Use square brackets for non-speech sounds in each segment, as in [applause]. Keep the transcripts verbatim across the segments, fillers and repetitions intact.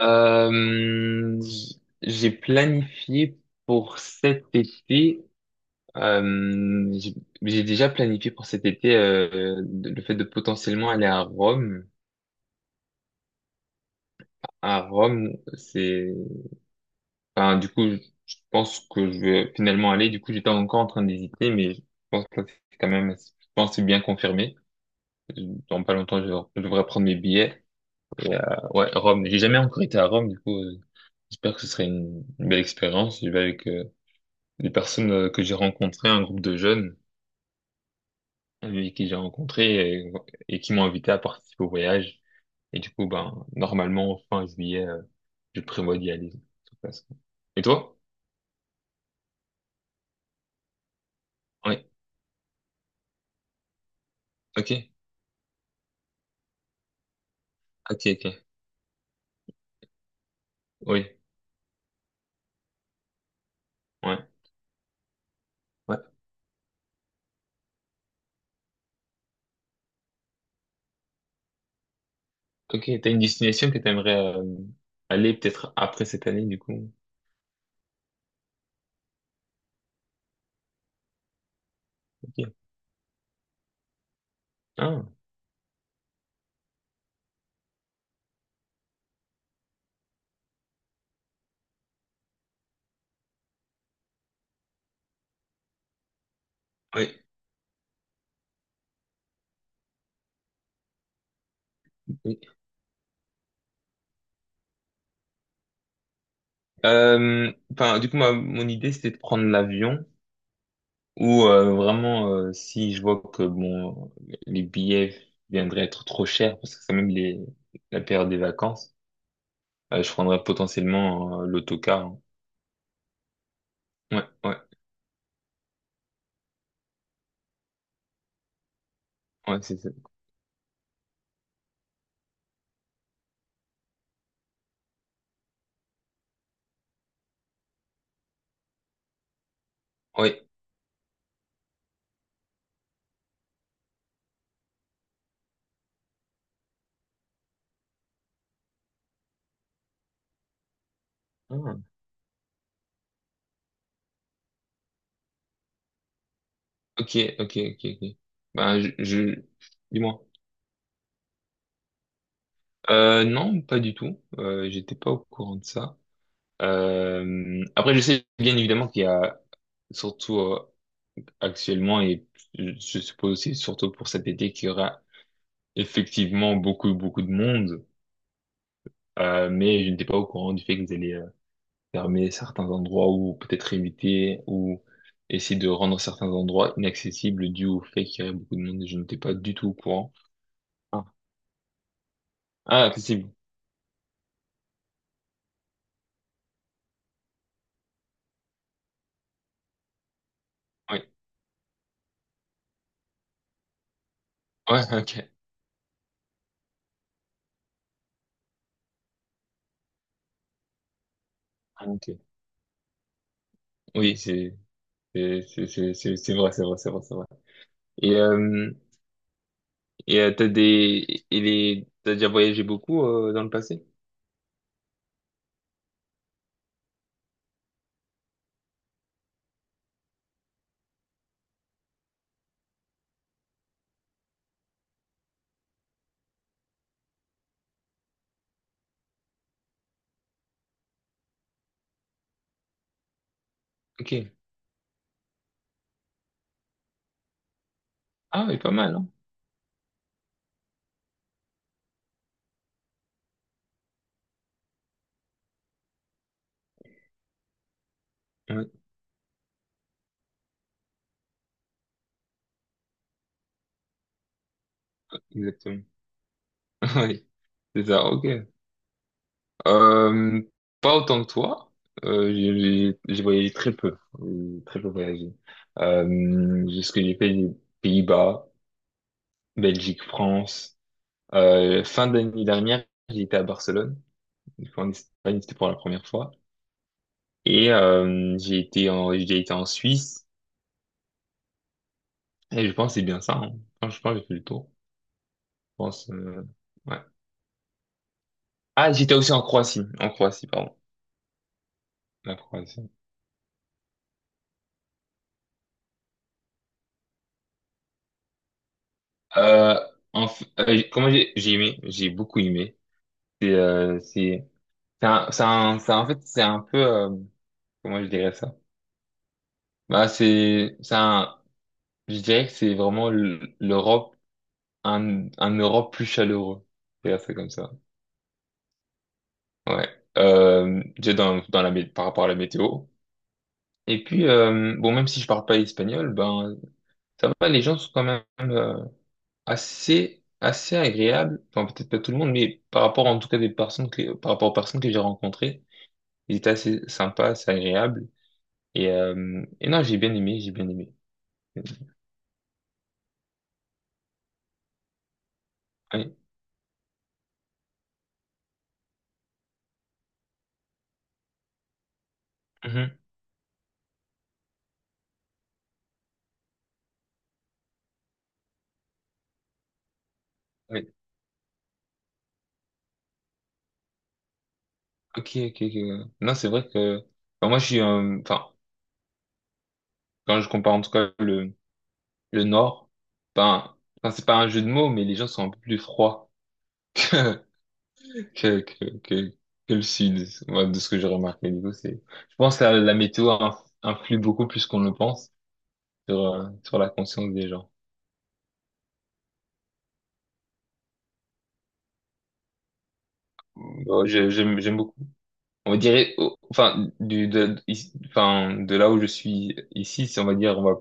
Euh, j- j'ai planifié pour cet été, euh, j'ai j'ai déjà planifié pour cet été euh, de- le fait de potentiellement aller à Rome. À Rome, c'est, enfin, du coup, je je pense que je vais finalement aller. Du coup, j'étais encore en train d'hésiter, mais je pense que c'est quand même, je pense que c'est bien confirmé. Dans pas longtemps, je, je devrais prendre mes billets. Et, euh, ouais, Rome. J'ai jamais encore été à Rome, du coup, euh, j'espère que ce serait une, une belle expérience. Je vais avec euh, des personnes euh, que j'ai rencontrées, un groupe de jeunes euh, qui j'ai rencontrés et, et qui m'ont invité à participer au voyage. Et du coup, ben, normalement, fin juillet, euh, je prévois d'y aller, de toute façon. Et toi? Oui. Ok. Ok, ok. Oui. Ouais. Ouais. Ok. T'as une destination que t'aimerais euh, aller peut-être après cette année, du coup. Ok. Ah. Oui. Oui. Euh, enfin, du coup, ma, mon idée, c'était de prendre l'avion. Ou euh, vraiment, euh, si je vois que bon, les billets viendraient être trop chers, parce que c'est même les, la période des vacances, euh, je prendrais potentiellement euh, l'autocar, hein. Ouais, ouais, ouais, c'est ça. Ouais. Ah. Ok, ok, ok, ok. Ben, je, je... dis-moi. Euh, non, pas du tout. Euh, j'étais pas au courant de ça. Euh, après, je sais bien évidemment qu'il y a surtout euh, actuellement et je je suppose aussi surtout pour cet été qu'il y aura effectivement beaucoup beaucoup de monde. Euh, mais je n'étais pas au courant du fait qu'ils allaient euh, fermer certains endroits ou peut-être éviter ou essayer de rendre certains endroits inaccessibles dû au fait qu'il y avait beaucoup de monde. Je n'étais pas du tout au courant. Ah, ah, accessible. Oui. Ouais, [laughs] ok. Ah, ok. Oui, c'est c'est c'est c'est c'est c'est vrai, c'est vrai, c'est vrai, c'est vrai. Et euh, et euh, t'as des et les T'as déjà voyagé beaucoup euh, dans le passé? Ok. Ah, oui, pas mal, hein? Oui, exactement. [laughs] Oui, c'est ça. Ok. Euh, Pas autant que toi. Euh, j'ai j'ai- j'ai voyagé très peu. J'ai très peu voyagé. Euh, j'ai- ce que j'ai fait, les Pays-Bas, Belgique, France. Euh, fin d'année dernière, j'ai été à Barcelone. Une fois en Espagne, c'était pour la première fois. Et euh, j'ai été en, j'ai été en Suisse. Et je pense que c'est bien ça, hein. Enfin, je pense que j'ai fait le tour. Je pense, euh, ouais. Ah, j'étais aussi en Croatie. En Croatie, pardon. La Croatie. Euh, en f- euh, Comment j'ai j'ai aimé, j'ai beaucoup aimé. C'est euh, c'est c'est un, c'est un- c'est- En fait c'est un peu euh, comment je dirais ça? Bah c'est c'est un je dirais que c'est vraiment l- l'Europe un un Europe plus chaleureux. Je dirais ça comme ça. Ouais. Euh, déjà, dans dans la mé- par rapport à la météo. Et puis euh, bon, même si je parle pas espagnol, ben, ça va, les gens sont quand même euh, assez assez agréables. Enfin, peut-être pas tout le monde, mais par rapport en tout cas des personnes que par rapport aux personnes que j'ai rencontrées, ils étaient assez sympas, assez agréables. Et, euh, et non, j'ai bien aimé, j'ai bien aimé. Oui. Mhm, oui. Ok, ok, ok. Ouais. Non, c'est vrai que, enfin, moi, je suis, euh, enfin, quand je compare en tout cas le le Nord, ben, enfin, c'est pas un jeu de mots, mais les gens sont un peu plus froids [laughs] que que que que, que le Sud, moi, de ce que j'ai remarqué. Du coup, c'est, je pense que la, la météo inf- influe beaucoup plus qu'on le pense sur euh, sur la conscience des gens. Bon, je- j'aime j'aime beaucoup. On dirait, oh, enfin, du de, ici- enfin, de là où je suis ici, si on va dire, on va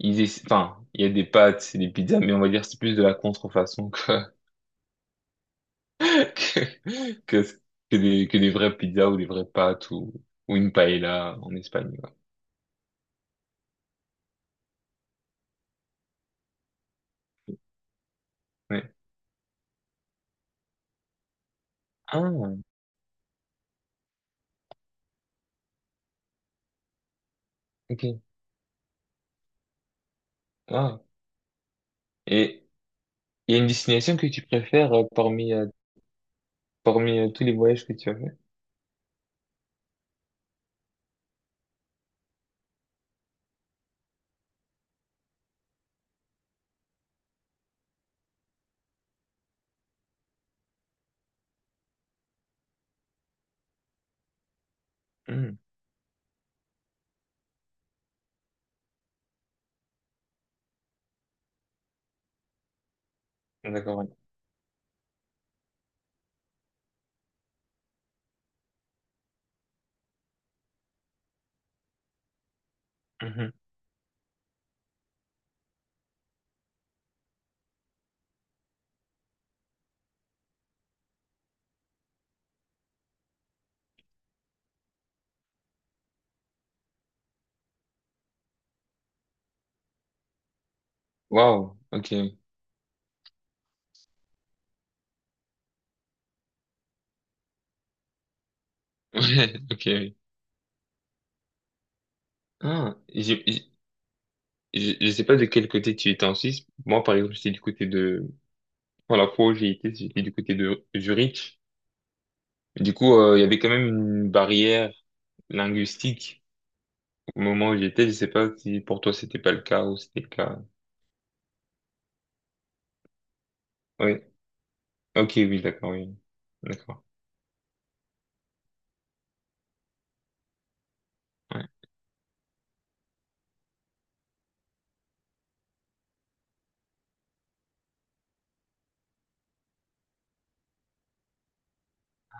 Ils essa- enfin, il y a des pâtes, c'est des pizzas, mais on va dire que c'est plus de la contrefaçon que, [laughs] que, que, que des, que des vraies pizzas ou des vraies pâtes ou, ou une paella en Espagne, quoi. Ouais. Ah, ok. Ah. Et il y a une destination que tu préfères euh, parmi, euh, parmi euh, tous les voyages que tu as fait? Hmm. D'accord, ouais. Mhm. Waouh, ok. [laughs] Ouais, ok, oui. Ah, j'ai- j'ai- je, je sais pas de quel côté tu étais en Suisse. Moi, par exemple, j'étais du côté de... Pour la fois où j'ai été, j'étais du côté de Zurich. Et du coup, euh, il y avait quand même une barrière linguistique au moment où j'étais. Je sais pas si pour toi c'était pas le cas ou c'était le cas. Oui. Ok, oui, d'accord, oui. D'accord. Ouais.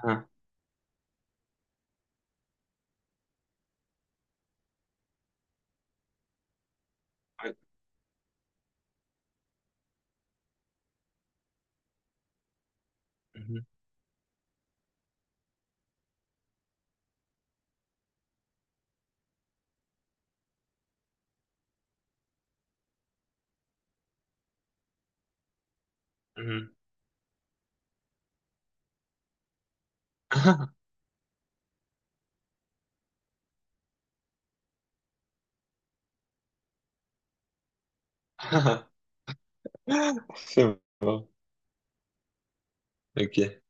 Ah, ouais. Mhm, mhm. [laughs] C'est bon. Ok.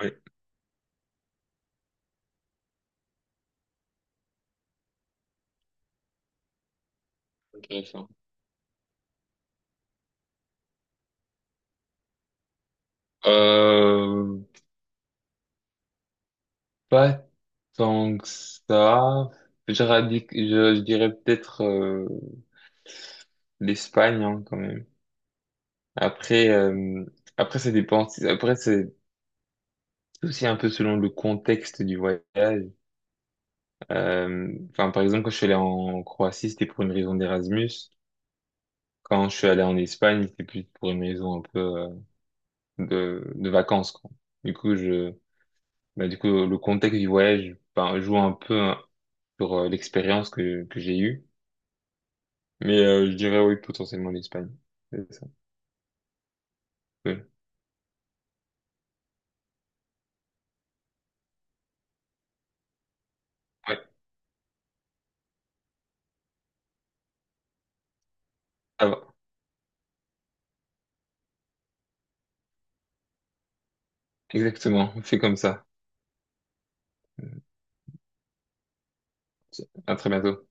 Oui, intéressant. Euh, Pas tant que ça. Je, radic- je, je dirais peut-être euh, l'Espagne, hein, quand même. Après, euh, Après ça dépend. Après, c'est c'est aussi un peu selon le contexte du voyage. Euh, enfin, par exemple, quand je suis allé en Croatie, c'était pour une raison d'Erasmus. Quand je suis allé en Espagne, c'était plus pour une raison un peu euh, de, de vacances, quoi. Du coup, je, bah, du coup, le contexte du voyage, ben, joue un peu, hein, sur euh, l'expérience que, que j'ai eue. Mais euh, je dirais oui, potentiellement l'Espagne. C'est ça. Oui. Ouais, ça va. Exactement. On fait comme ça. À très bientôt.